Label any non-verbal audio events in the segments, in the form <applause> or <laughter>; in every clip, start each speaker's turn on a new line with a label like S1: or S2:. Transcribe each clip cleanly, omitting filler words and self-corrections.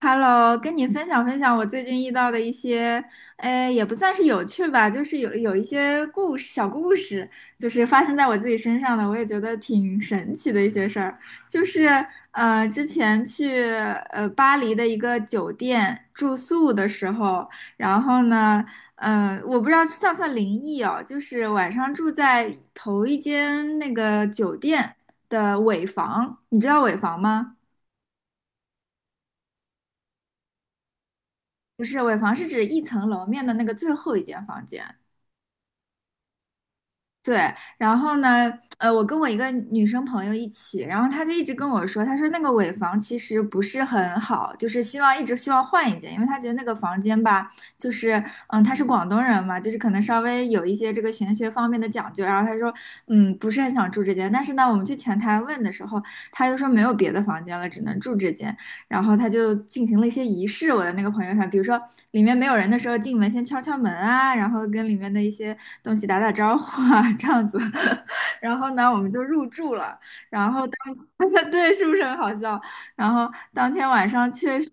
S1: Hello，跟你分享分享我最近遇到的一些，也不算是有趣吧，就是有一些故事，小故事，就是发生在我自己身上的，我也觉得挺神奇的一些事儿。就是之前去巴黎的一个酒店住宿的时候，然后呢，我不知道算不算灵异哦，就是晚上住在头一间那个酒店的尾房，你知道尾房吗？不是尾房，是指一层楼面的那个最后一间房间。对，然后呢，我跟我一个女生朋友一起，然后她就一直跟我说，她说那个尾房其实不是很好，就是希望一直希望换一间，因为她觉得那个房间吧，就是她是广东人嘛，就是可能稍微有一些这个玄学方面的讲究，然后她说不是很想住这间，但是呢，我们去前台问的时候，她又说没有别的房间了，只能住这间。然后他就进行了一些仪式。我的那个朋友圈，比如说里面没有人的时候进门先敲敲门啊，然后跟里面的一些东西打打招呼啊，<laughs> 这样子。<laughs> 然后呢，我们就入住了。然后<laughs> 对，是不是很好笑？然后当天晚上确实。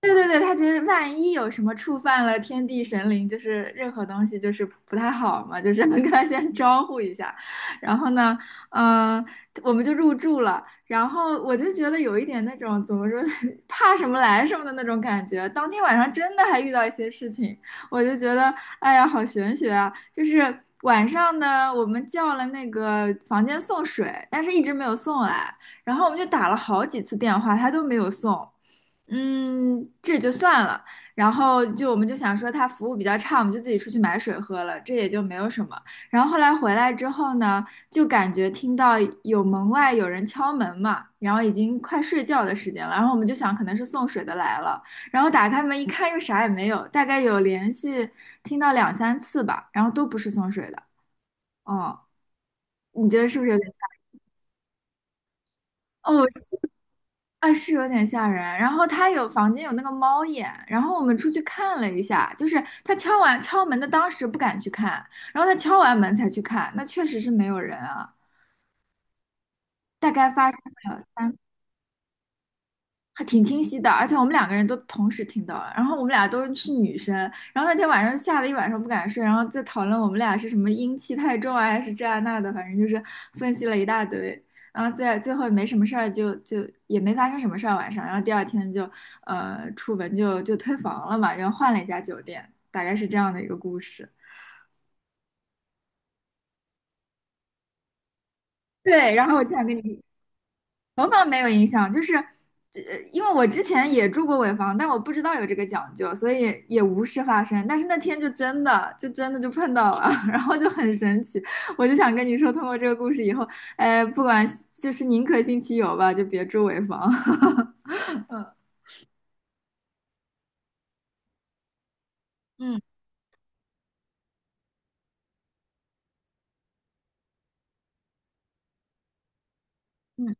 S1: 对对对，他觉得万一有什么触犯了天地神灵，就是任何东西就是不太好嘛，就是能跟他先招呼一下。然后呢，嗯、我们就入住了。然后我就觉得有一点那种怎么说，<laughs> 怕什么来什么的那种感觉。当天晚上真的还遇到一些事情，我就觉得，哎呀，好玄学啊！就是晚上呢，我们叫了那个房间送水，但是一直没有送来。然后我们就打了好几次电话，他都没有送。这就算了。然后就我们就想说他服务比较差，我们就自己出去买水喝了，这也就没有什么。然后后来回来之后呢，就感觉听到有门外有人敲门嘛，然后已经快睡觉的时间了，然后我们就想可能是送水的来了，然后打开门一看又啥也没有，大概有连续听到两三次吧，然后都不是送水的。哦，你觉得是不是有点像？哦，啊，是有点吓人。然后他有房间有那个猫眼，然后我们出去看了一下，就是他敲门的当时不敢去看，然后他敲完门才去看，那确实是没有人啊。大概发生了。三。还挺清晰的，而且我们两个人都同时听到了，然后我们俩都是女生，然后那天晚上吓得一晚上不敢睡，然后在讨论我们俩是什么阴气太重啊，还是这啊那的，反正就是分析了一大堆，然后最后没什么事儿就，就也没发生什么事儿晚上，然后第二天就出门就退房了嘛，然后换了一家酒店，大概是这样的一个故事。对，然后我就想跟你头发没有影响，就是这，因为我之前也住过尾房，但我不知道有这个讲究，所以也无事发生。但是那天就真的，就真的就碰到了，<laughs> 然后就很神奇。我就想跟你说，通过这个故事以后，哎，不管就是宁可信其有吧，就别住尾房。<laughs> 嗯嗯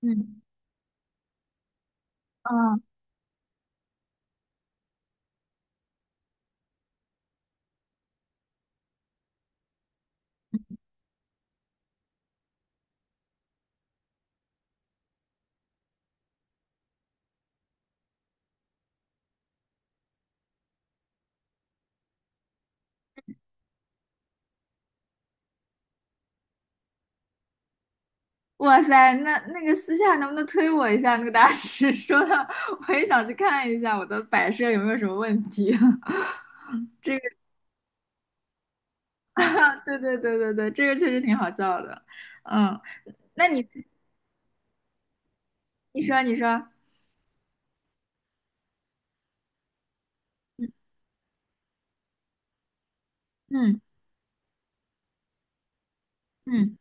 S1: 嗯。啊，哇塞，那个私下能不能推我一下那个大师？<laughs> 说的我也想去看一下我的摆设有没有什么问题。<laughs> 对对对对对，这个确实挺好笑的。嗯。那你说你说，嗯嗯嗯。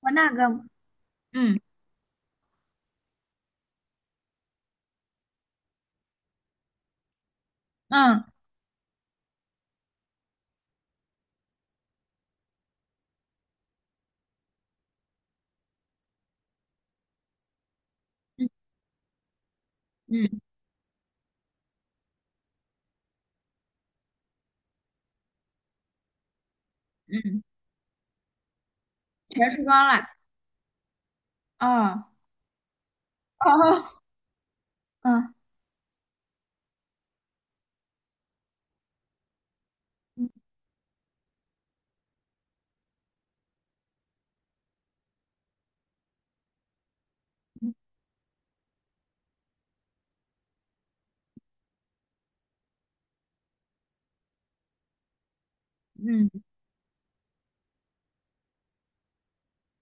S1: 我那个。嗯嗯嗯嗯嗯，全输光了。哦哦，嗯，嗯嗯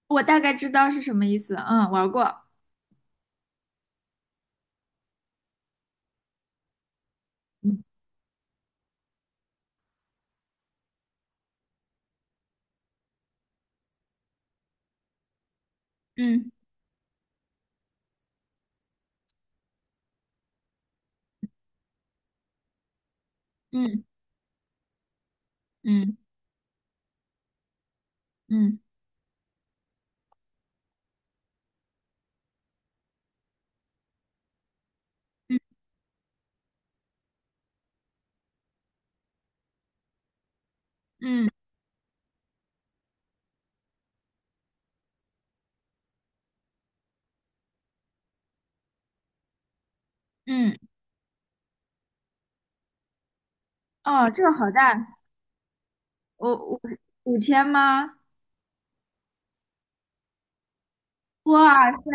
S1: 我大概知道是什么意思。嗯，玩过。嗯嗯嗯嗯嗯嗯嗯，嗯哦，这个好大，五五5000吗？哇塞，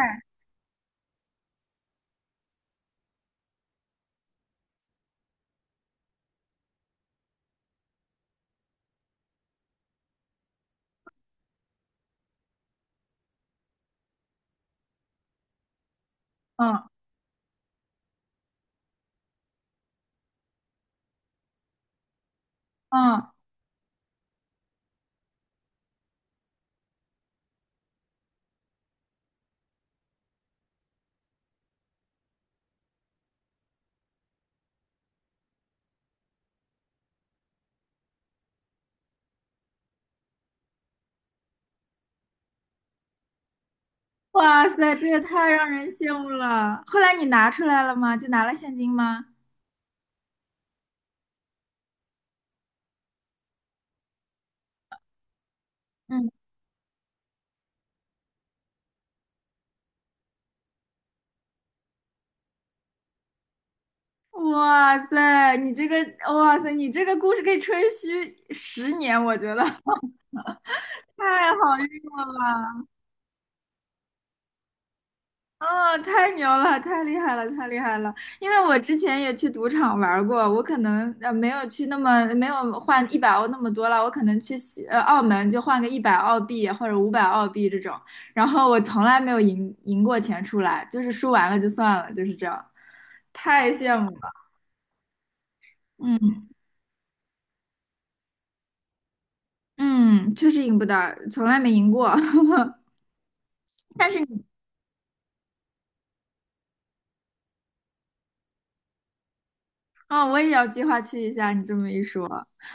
S1: 嗯嗯，哇塞，这也太让人羡慕了。后来你拿出来了吗？就拿了现金吗？嗯。哇塞，你这个，哇塞，你这个故事可以吹嘘10年，我觉得 <laughs> 太好运了。啊，太牛了，太厉害了，太厉害了！因为我之前也去赌场玩过，我可能没有去那么没有换100欧那么多了，我可能去澳门就换个100澳币或者500澳币这种，然后我从来没有赢过钱出来，就是输完了就算了，就是这样，太羡慕了，嗯嗯，确实赢不到，从来没赢过。<laughs> 但是你啊、我也要计划去一下。你这么一说，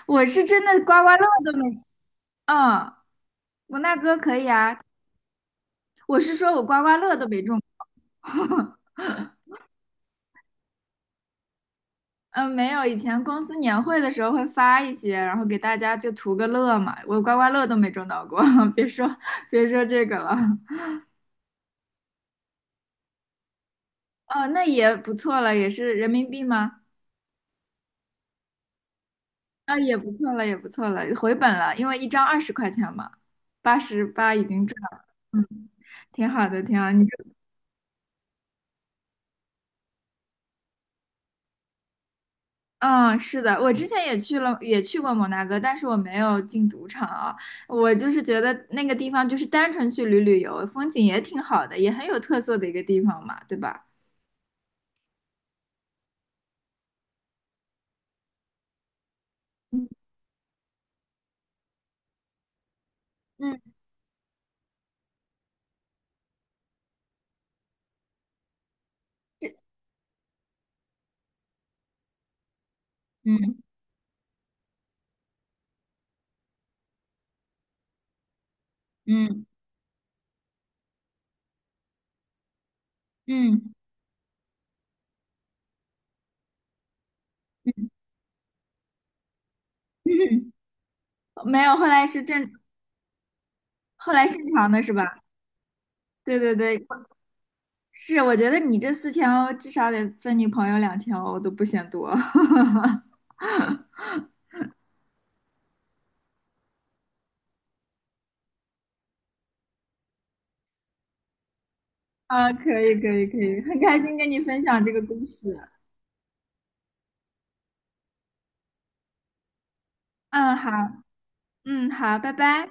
S1: 我是真的刮刮乐都没，嗯，我纳哥可以啊。我是说我刮刮乐都没中，嗯，没有。以前公司年会的时候会发一些，然后给大家就图个乐嘛。我刮刮乐都没中到过，<laughs> 别说别说这个了。哦，那也不错了，也是人民币吗？啊，也不错了，也不错了，回本了，因为一张20块钱嘛，88已经赚了，嗯，挺好的，挺好。你。嗯，是的，我之前也去了，也去过摩纳哥，但是我没有进赌场啊。我就是觉得那个地方就是单纯去旅游，风景也挺好的，也很有特色的一个地方嘛，对吧？嗯嗯嗯嗯嗯嗯，<laughs> 没有，后来是正，后来正常的是吧？对对对，是，我觉得你这4000欧至少得分你朋友2000欧我都不嫌多。<laughs> 啊，可以可以可以，很开心跟你分享这个故事。嗯，好，嗯，好，拜拜。